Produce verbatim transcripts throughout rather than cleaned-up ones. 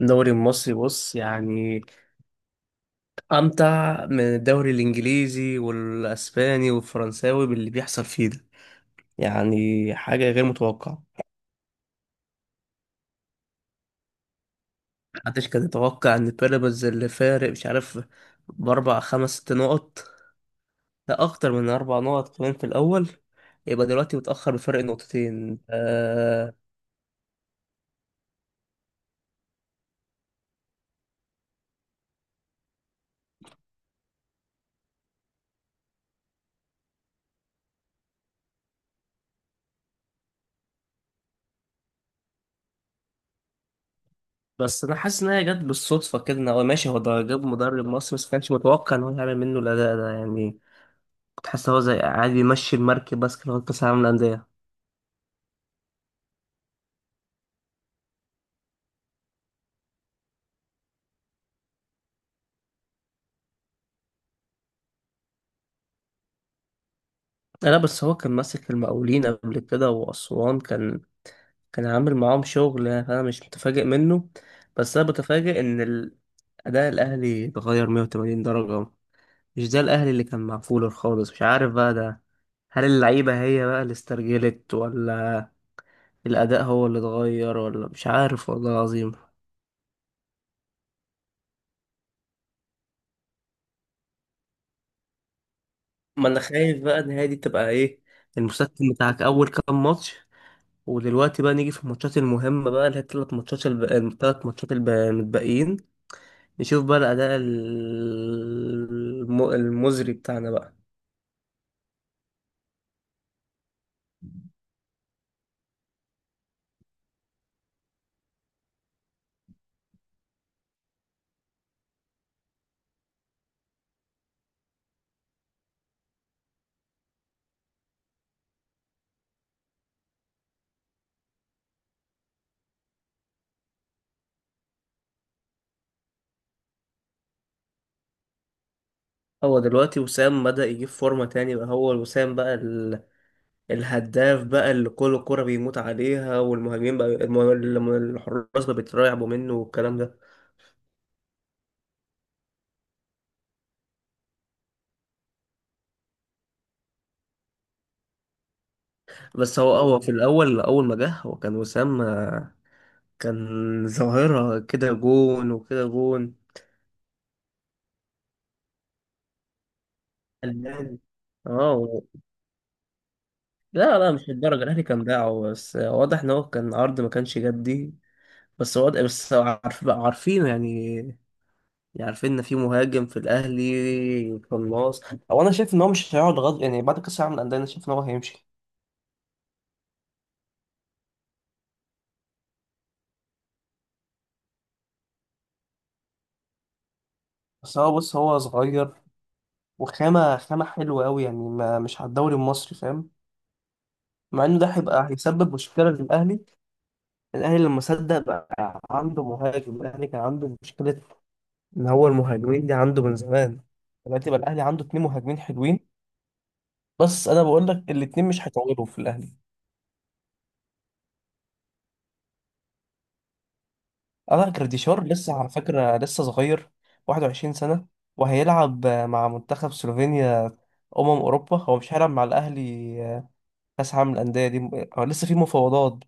الدوري المصري بص يعني أمتع من الدوري الإنجليزي والأسباني والفرنساوي باللي بيحصل فيه ده. يعني حاجة غير متوقعة. محدش كان يتوقع إن بيراميدز اللي فارق مش عارف بأربع خمس ست نقط، لا أكتر من أربع نقط كمان في الأول، يبقى دلوقتي متأخر بفرق نقطتين. أه بس أنا حاسس إن هي جت بالصدفة كده، إن هو ماشي، هو ده جاب مدرب مصري بس كانش متوقع إن هو يعمل منه الأداء ده يعني. كنت حاسس إن هو زي عادي يمشي المركب بس كده لغاية كأس العالم للأندية. لا لا، بس هو كان ماسك المقاولين قبل كده وأسوان، كان كان عامل معاهم شغل يعني، أنا مش متفاجئ منه. بس أنا بتفاجئ إن ال- أداء الأهلي اتغير مية وتمانين درجة. مش ده الأهلي اللي كان مع فولر خالص، مش عارف بقى ده. هل اللعيبة هي بقى اللي استرجلت، ولا الأداء هو اللي اتغير، ولا مش عارف والله العظيم. ما أنا خايف بقى إن هي دي تبقى إيه، المسكن بتاعك أول كام ماتش، ودلوقتي بقى نيجي في الماتشات المهمة بقى اللي هي التلات ماتشات الب... التلات ماتشات الب- المتبقيين. نشوف بقى الأداء الم... المزري بتاعنا بقى. هو دلوقتي وسام بدأ يجيب فورمة تاني بقى، هو وسام بقى ال... الهداف بقى اللي كل كرة بيموت عليها، والمهاجمين بقى الم... الم- الحراس بقى بيترعبوا منه والكلام ده. بس هو هو في الأول أول ما جه هو كان وسام، آه، كان ظاهرة كده، جون وكده جون، فنان. اه و- لا لا، مش للدرجة، الأهلي كان باعه، بس واضح إن هو كان عرض ما كانش جدي. بس هو بس هو عارف بقى، عارفينه يعني. يعني عارفين ان في مهاجم في الاهلي قناص. او انا شايف ان هو مش هيقعد غد يعني، بعد كاس العالم للانديه انا شايف ان هو هيمشي. بس هو بص، هو صغير، وخامه خامه حلوه قوي يعني، ما مش على الدوري المصري، فاهم. مع انه ده هيبقى هيسبب مشكله للاهلي. الاهلي لما صدق بقى عنده مهاجم، الاهلي كان عنده مشكله ان هو المهاجمين دي عنده من زمان. دلوقتي بقى الاهلي عنده اتنين مهاجمين حلوين. بس انا بقول لك الاتنين مش هيطولوا في الاهلي. ألان جراديشار لسه على فكرة لسه صغير، واحد وعشرين سنة، وهيلعب مع منتخب سلوفينيا، أمم أوروبا. هو مش هيلعب مع الأهلي آه، كأس عالم الأندية دي. هو لسه في مفاوضات.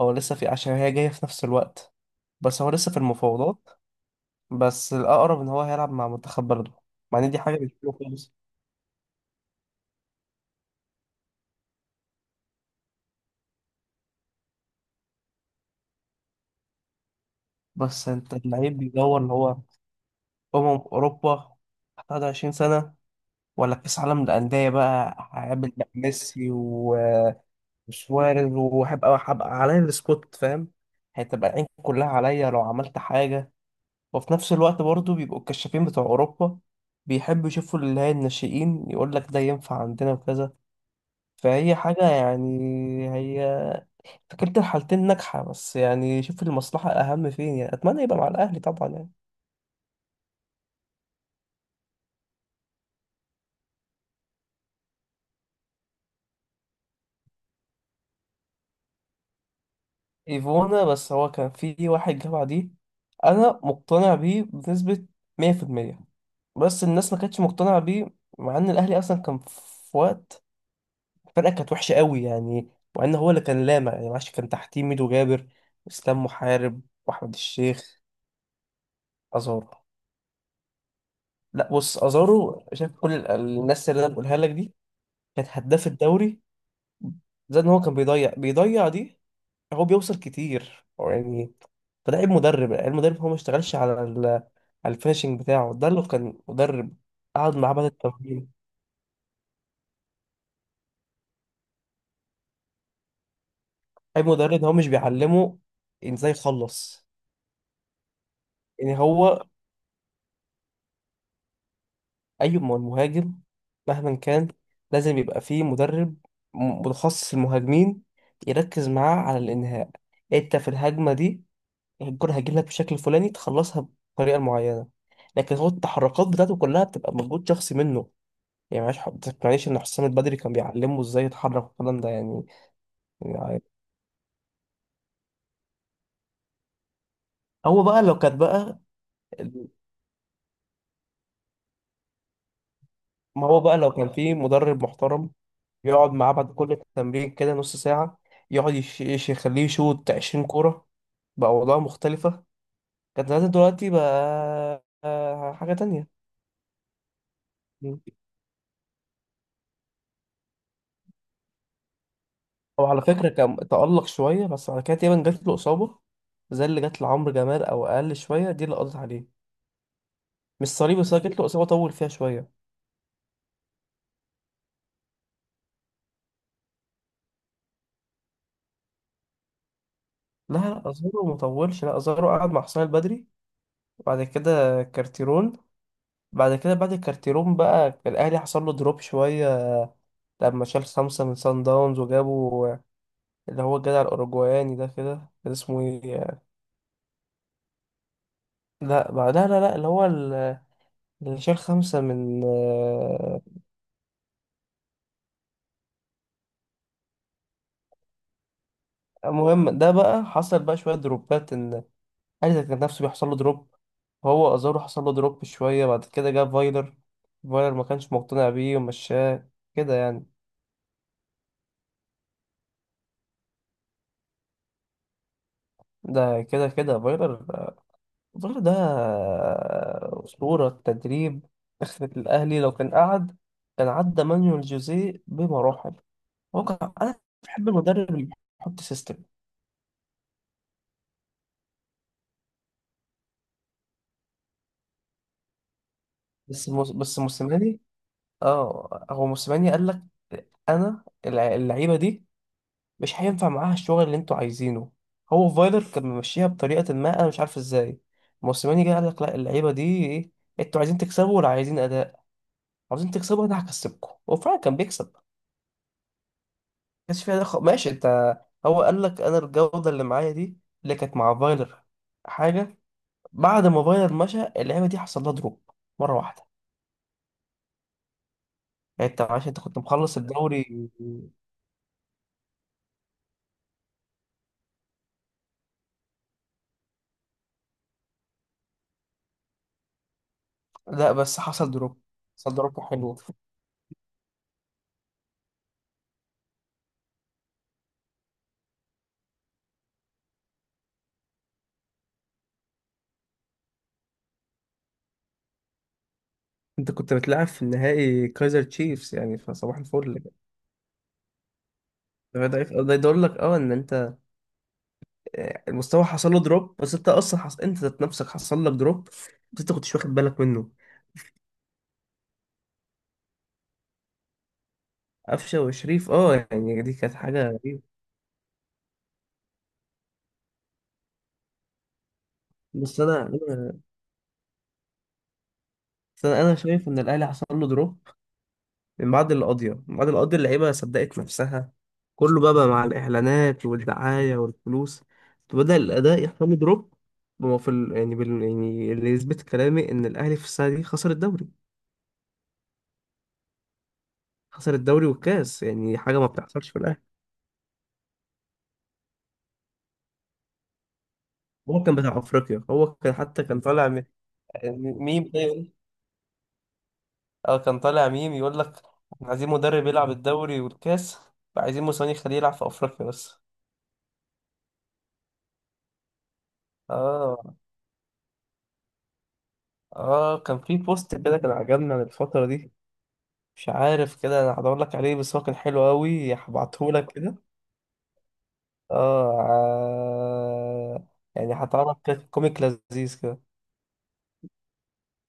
هو لسه في، عشان هي جاية في نفس الوقت، بس هو لسه في المفاوضات. بس الأقرب إن هو هيلعب مع منتخب بلده، مع إن دي حاجة مش حلوة خالص. بس أنت اللعيب بيدور إن هو أمم أوروبا، واحد وعشرين سنة، ولا كأس عالم الأندية بقى هيقابل بقى ميسي؟ مش وارد. وهبقى هبقى عليا السبوت، فاهم. هتبقى العين كلها عليا لو عملت حاجة. وفي نفس الوقت برضو بيبقوا الكشافين بتوع أوروبا بيحبوا يشوفوا اللي هي الناشئين، يقول لك ده ينفع عندنا وكذا. فهي حاجة يعني، هي فكرة الحالتين ناجحة، بس يعني شوف المصلحة أهم فين يعني. أتمنى يبقى مع الأهلي طبعا يعني. ايفونا، بس هو كان في واحد جه بعديه انا مقتنع بيه بنسبة مية بالمية، بس الناس ما كانتش مقتنعة بيه. مع ان الاهلي اصلا كان في وقت الفرقة كانت وحشة قوي يعني، مع ان هو اللي كان لامع يعني. معلش كان تحتيه ميدو جابر، اسلام محارب، واحمد الشيخ، ازارو. لا بص، ازارو شايف كل ال- الناس اللي انا بقولها لك دي كانت هداف الدوري. زائد ان هو كان بيضيع بيضيع دي، هو بيوصل كتير يعني. فده عيب مدرب، المدرب هو ما اشتغلش على ال... على الفينشنج بتاعه ده. لو كان مدرب قعد معاه بعد التمرين. عيب مدرب إن هو مش بيعلمه ازاي يخلص يعني. هو اي م- مهاجم مهما كان لازم يبقى فيه مدرب م- متخصص المهاجمين يركز معاه على الانهاء. انت في الهجمه دي الكره هتجيلك لك بشكل فلاني، تخلصها بطريقه معينه. لكن هو التحركات بتاعته كلها بتبقى مجهود شخصي منه. يعني معلش، ما تقنعنيش ان حسام البدري كان بيعلمه ازاي يتحرك والكلام ده يعني. يعني هو بقى لو كانت بقى، ما هو بقى لو كان في مدرب محترم يقعد معاه بعد كل تمرين كده نص ساعة، يقعد يش- يش- يخليه يشوط عشرين كورة، بقى أوضاع مختلفة كانت زمان. دلوقتي بقى آه، حاجة تانية. مم. هو على فكرة كان تألق شوية، بس بعد كده تقريبا جات له إصابة زي اللي جات لعمرو جمال أو أقل شوية، دي اللي قضت عليه. مش صليبي، بس جات له إصابة طول فيها شوية. لا لا، ازارو مطولش، لا ازارو قعد مع حسام البدري وبعد كده كارتيرون. بعد كده بعد الكارتيرون بقى الاهلي حصل له دروب شويه، لما شال خمسه من سان داونز وجابوا اللي هو الجدع الاوروجواني ده، كده كان اسمه ايه. لا بعد، لا لا لا اللي هو ال- اللي شال خمسه من آه، المهم ده بقى. حصل بقى شويه دروبات، ان الاهلي ده كان نفسه بيحصل له دروب. هو ازارو حصل له دروب شويه، بعد كده جاب فايلر. فايلر ما كانش مقتنع بيه ومشاه كده يعني. ده كده كده فايلر. فايلر ده أسطورة تدريب. أخرة الأهلي لو كان قعد كان عدى مانويل جوزيه بمراحل. هو كان أنا بحب المدرب اللي بيحط سيستم. بس موس- بس موسيماني اه، هو موسيماني قال لك أنا الع- اللعيبة دي مش هينفع معاها الشغل اللي أنتوا عايزينه. هو فايلر كان ممشيها بطريقة ما، أنا مش عارف إزاي. موسيماني جه قال لك لا، اللعيبة دي إيه، أنتوا عايزين تكسبوا ولا عايزين أداء؟ عاوزين تكسبوا، أنا هكسبكم. وفعلا كان بيكسب، كانش فيها دخل، ماشي انت. هو قال لك انا الجوده اللي معايا دي اللي كانت مع فايلر حاجه. بعد ما فايلر مشى اللعبه دي حصل لها دروب مره واحده. يعني انت عشان انت كنت مخلص الدوري. لا، بس حصل دروب، حصل دروب حلو. انت كنت بتلعب في النهائي كايزر تشيفز يعني، فصباح الفل ده. ده ده يدل لك اه ان انت اه، المستوى حصل له دروب. بس انت اصلا حص... انت ذات نفسك حصل لك دروب، بس انت كنتش واخد بالك منه. قفشه وشريف، اه يعني دي كانت حاجه غريبه. بس انا انا بس انا أنا شايف ان الاهلي حصل له دروب من بعد القضيه. من بعد القضيه اللعيبه صدقت نفسها، كله بقى، بقى مع الاعلانات والدعايه والفلوس، بدا الاداء يحصل له دروب. هو في ال... يعني بال... يعني اللي يثبت كلامي ان الاهلي في السنه دي خسر الدوري، خسر الدوري والكاس، يعني حاجه ما بتحصلش في الاهلي. هو كان بتاع افريقيا، هو كان حتى كان طالع م... يعني ميم ده يقول- اه كان طالع ميم يقول لك احنا عايزين مدرب يلعب الدوري والكاس، فعايزين موسيماني يخليه يلعب في افريقيا بس. اه اه كان في بوست كده كان عجبني عن الفترة دي، مش عارف كده، انا هدور لك عليه بس هو كان حلو قوي، هبعته لك كده. اه ع- يعني هتعرف كده، كوميك لذيذ كده.